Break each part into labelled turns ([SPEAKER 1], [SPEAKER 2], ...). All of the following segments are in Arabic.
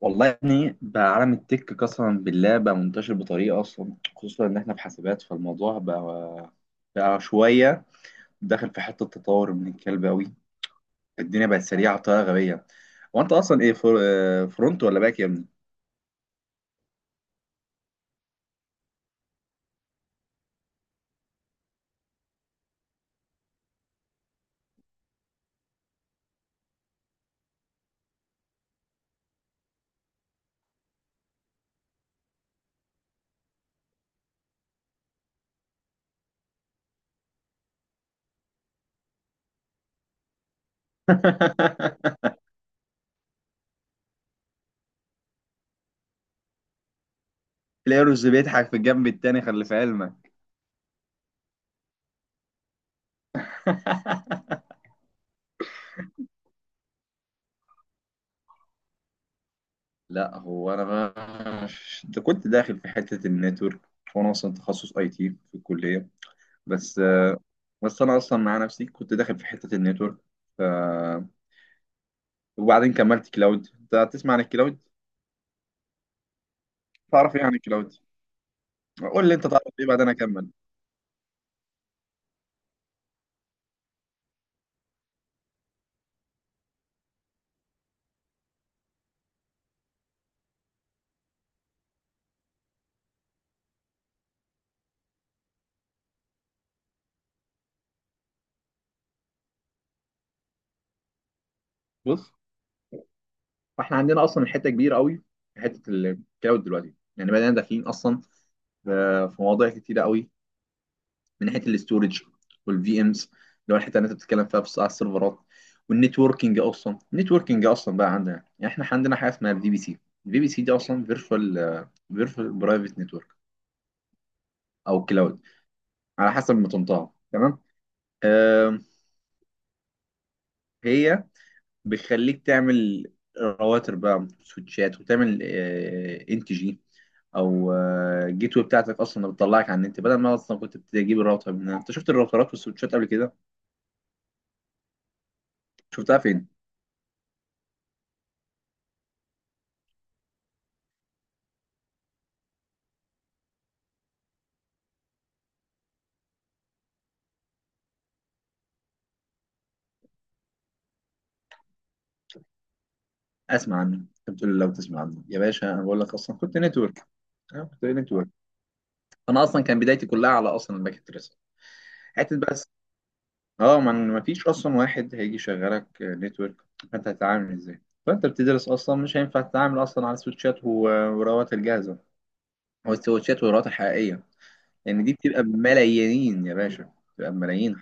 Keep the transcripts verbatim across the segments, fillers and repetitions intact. [SPEAKER 1] والله يا ابني، بقى عالم التك قسما بالله بقى منتشر بطريقه اصلا، خصوصا ان احنا في حاسبات. فالموضوع بقى بقى شويه داخل في حته تطور من الكلب قوي. الدنيا بقت سريعه بطريقه غبيه. هو انت اصلا ايه فر... آه، فرونت ولا باك يا ابني؟ تلاقي رز بيضحك في الجنب التاني، خلي في علمك. لا، هو انا ما... ده كنت داخل في حته النتورك، وانا اصلا تخصص اي تي في الكليه. بس آه، بس انا اصلا مع نفسي كنت داخل في حته النتورك. ف... وبعدين كملت كلاود. انت تسمع عن الكلاود؟ تعرف ايه عن الكلاود؟ قول لي انت تعرف ايه بعدين انا اكمل. بص، فاحنا عندنا اصلا حته كبيره قوي في حته الكلاود دلوقتي، يعني بدأنا داخلين اصلا ف- في مواضيع كتيره قوي من ناحيه الاستورج، والفي امز اللي هو الحته اللي انت بتتكلم فيها بس على السيرفرات، والنتوركينج. اصلا النتوركينج اصلا بقى عندنا، يعني احنا عندنا حاجه اسمها الفي بي سي. الفي بي سي دي اصلا فيرتشوال... فيرتشوال برايفت نتورك او كلاود، على حسب ما تنطقها. تمام. آه، هي بتخليك تعمل رواتر بقى، سويتشات، وتعمل ان تي جي، او جيت واي بتاعتك اصلا اللي بتطلعك على النت، بدل ما اصلا كنت بتجيب الراوتر من هنا. انت شفت الراوترات والسويتشات قبل كده؟ شفتها فين؟ اسمع عنه. انت بتقول لي لو تسمع عنه يا باشا، انا بقول لك اصلا كنت نتورك. انا كنت نتورك. انا اصلا كان بدايتي كلها على اصلا الباكت تريس. حته بقى، اه، من ما فيش اصلا واحد هيجي يشغلك نتورك، فانت هتتعامل ازاي؟ فانت بتدرس اصلا، مش هينفع تتعامل اصلا على سويتشات و- وراوات الجاهزه، او سويتشات وراوات حقيقيه، لان دي بتبقى بملايين يا باشا، بتبقى بملايين.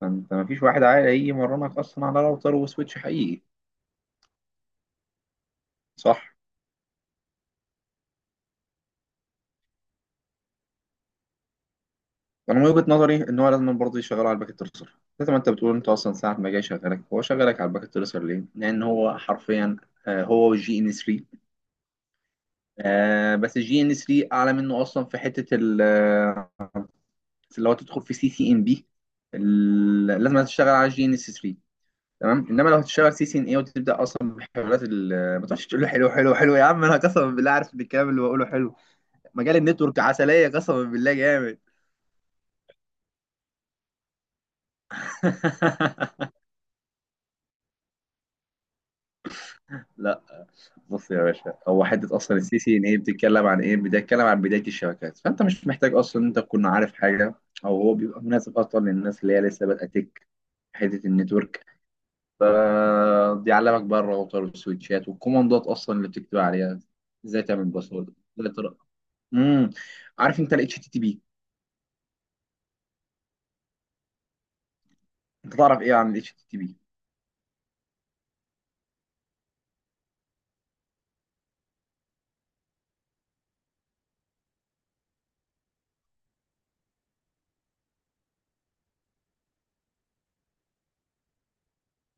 [SPEAKER 1] فانت ما فيش واحد عاقل هيجي يمرنك اصلا على راوتر وسويتش حقيقي، صح؟ انا من وجهه نظري ان هو لازم برضه يشغله على الباكيت ترسر، زي ما انت بتقول. انت اصلا ساعه ما جاي شغالك، هو شغالك على الباكيت ترسر ليه؟ لان هو حرفيا آه، هو والجي ان تلاته. آه، بس الجي ان ثري اعلى منه اصلا في حته ال آه، اللي هو تدخل في سي سي ان بي. لازم تشتغل على الجي ان ثري، تمام. انما لو هتشتغل سي سي ان اي وتبدا اصلا بحوارات ال- ما تقعدش تقول له حلو حلو حلو. يا عم انا قسما بالله عارف ان الكلام اللي بقوله حلو. مجال النتورك عسليه، قسما بالله جامد. لا بص يا باشا، هو حته اصلا السي سي ان ايه بتتكلم عن ايه؟ بتتكلم عن بدايه الشبكات. فانت مش محتاج اصلا انت تكون عارف حاجه، او هو بيبقى مناسب اصلا للناس اللي هي لسه بادئه تك، حته النتورك. فبيعلمك بقى الراوتر والسويتشات والكوماندات اصلا اللي بتكتب عليها. ازاي تعمل باسورد، ازاي ترى... امم عارف انت الاتش تي تي بي؟ انت تعرف ايه عن الاتش تي تي بي؟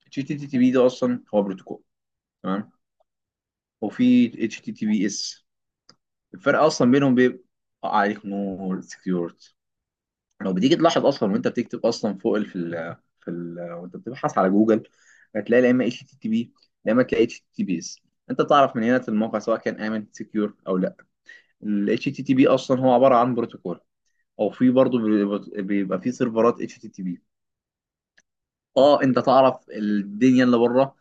[SPEAKER 1] الاتش تي تي بي ده اصلا هو بروتوكول، تمام. وفي اتش تي تي بي اس. الفرق اصلا بينهم بيبقى عليك نور، سكيورتي. لو بتيجي تلاحظ اصلا وانت بتكتب اصلا فوق ال- في ال في ال وانت بتبحث على جوجل، هتلاقي لا اما اتش تي تي بي، لا اما تلاقي اتش تي تي بيس. انت تعرف من هنا الموقع سواء كان امن سكيور او لا. الاتش تي تي بي اصلا هو عباره عن بروتوكول، او في برضه بيبقى بيبقى في سيرفرات اتش تي تي بي. اه، انت تعرف الدنيا اللي بره؟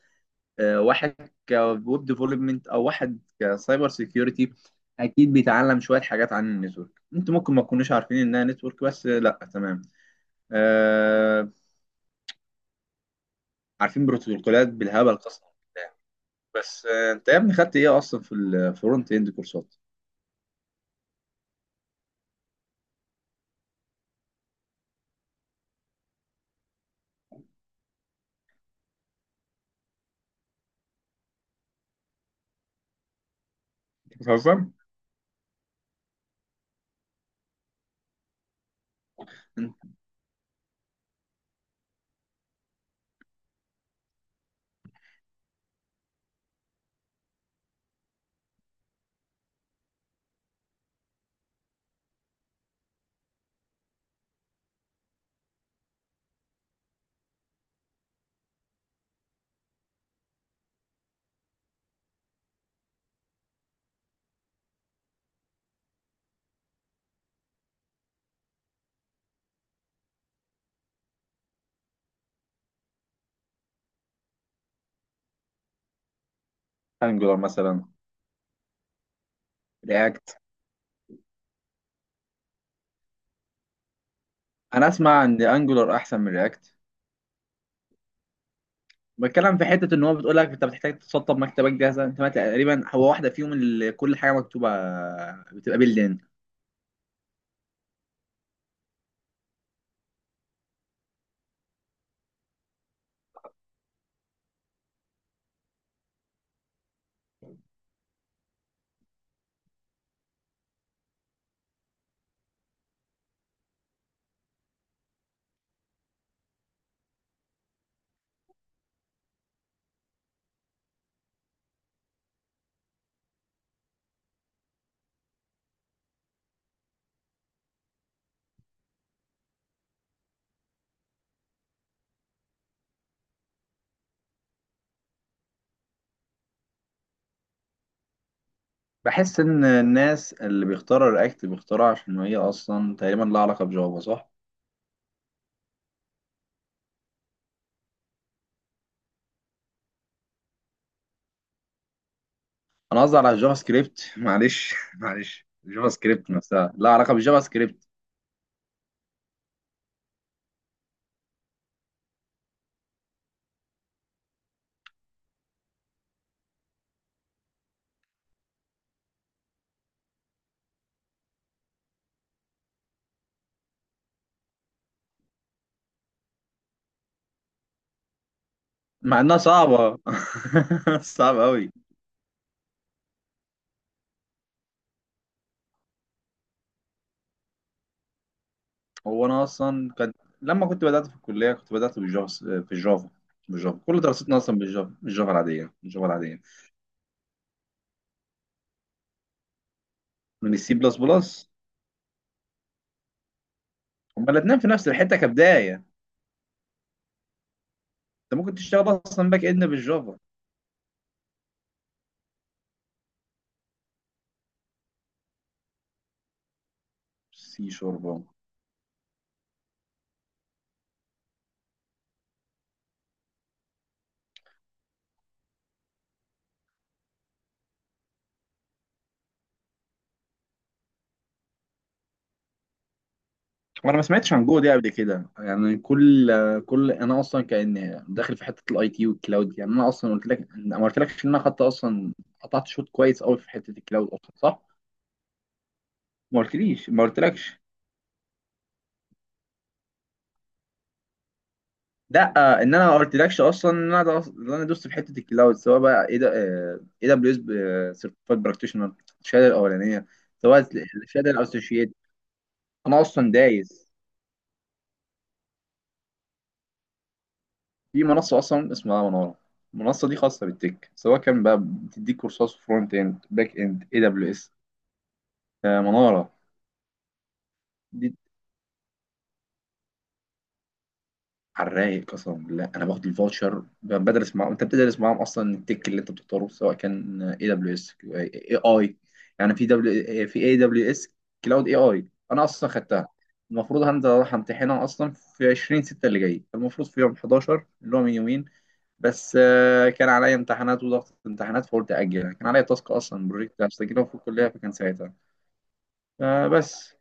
[SPEAKER 1] آه، واحد كويب ديفلوبمنت او واحد كسايبر سيكيورتي، اكيد بيتعلم شويه حاجات عن النتورك. انتوا ممكن ما تكونوش عارفين انها نتورك، بس لا، تمام. آه، عارفين بروتوكولات بالهبل قسما بالله. بس آه، انت يا ابني خدت ايه اصلا في الفرونت اند كورسات؟ بتهزر. انت... انجولار مثلا. رياكت. انا اسمع ان انجولار احسن من رياكت. بتكلم في حته ان هو بتقول لك انت بتحتاج تسطب مكتبك جاهزه. انت ما تقريبا هو واحده فيهم اللي كل حاجه مكتوبه بتبقى باللين. بحس ان الناس اللي بيختاروا رياكت بيختاروا عشان هي اصلا تقريبا لها علاقه بجافا، صح؟ انا قصدي على الجافا سكريبت. معلش معلش، الجافا سكريبت نفسها لها علاقه بالجافا سكريبت. مع انها صعبة. صعب قوي. هو انا اصلا كان... لما كنت بدأت في الكلية، كنت بدأت بالجافا. في الجافا، بالجافا، كل دراستنا اصلا بالجافا، بالجافا العادية، بالجافا العادية. من السي بلس بلس. هما الاتنين في نفس الحتة كبداية. انت ممكن تشتغل اصلا باك اند بالجافا. سي شوربة. وانا ما سمعتش عن جو دي قبل كده. يعني كل... كل انا اصلا كان داخل في حته الاي تي والكلاود. يعني انا اصلا قلت لك، ما قلتلكش ان انا خدت اصلا، قطعت شوط كويس قوي في حته الكلاود اصلا، صح؟ ما قلتليش ما قلتلكش. لا آه، ان انا ما قلتلكش اصلا ان انا داس- ان انا دوست في حته الكلاود، سواء بقى ايه ده، اي دبليو اس سيرتيفايد براكتيشنر، الشهاده الاولانيه، سواء الشهاده الاسوشيت. انا اصلا دايس في منصه اصلا اسمها مناره. المنصه دي خاصه بالتك، سواء كان بقى بتديك كورسات فرونت اند، باك اند، اي دبليو اس. مناره دي على الرايق قسما بالله. انا باخد الفاوتشر، ب- بدرس معاهم. انت بتدرس معاهم اصلا التك اللي انت بتختاره، سواء كان اي دبليو اس اي اي، يعني في دبليو، في اي دبليو اس كلاود اي اي. انا اصلا خدتها. المفروض هنزل اروح امتحنها اصلا في عشرين سته اللي جاي، المفروض في يوم حداشر اللي هو من يومين، بس آه، كان عليا امتحانات وضغط امتحانات، فقلت اجلها. كان عليا تاسك اصلا، بروجكت هسجله في الكليه، فكان ساعتها آه، بس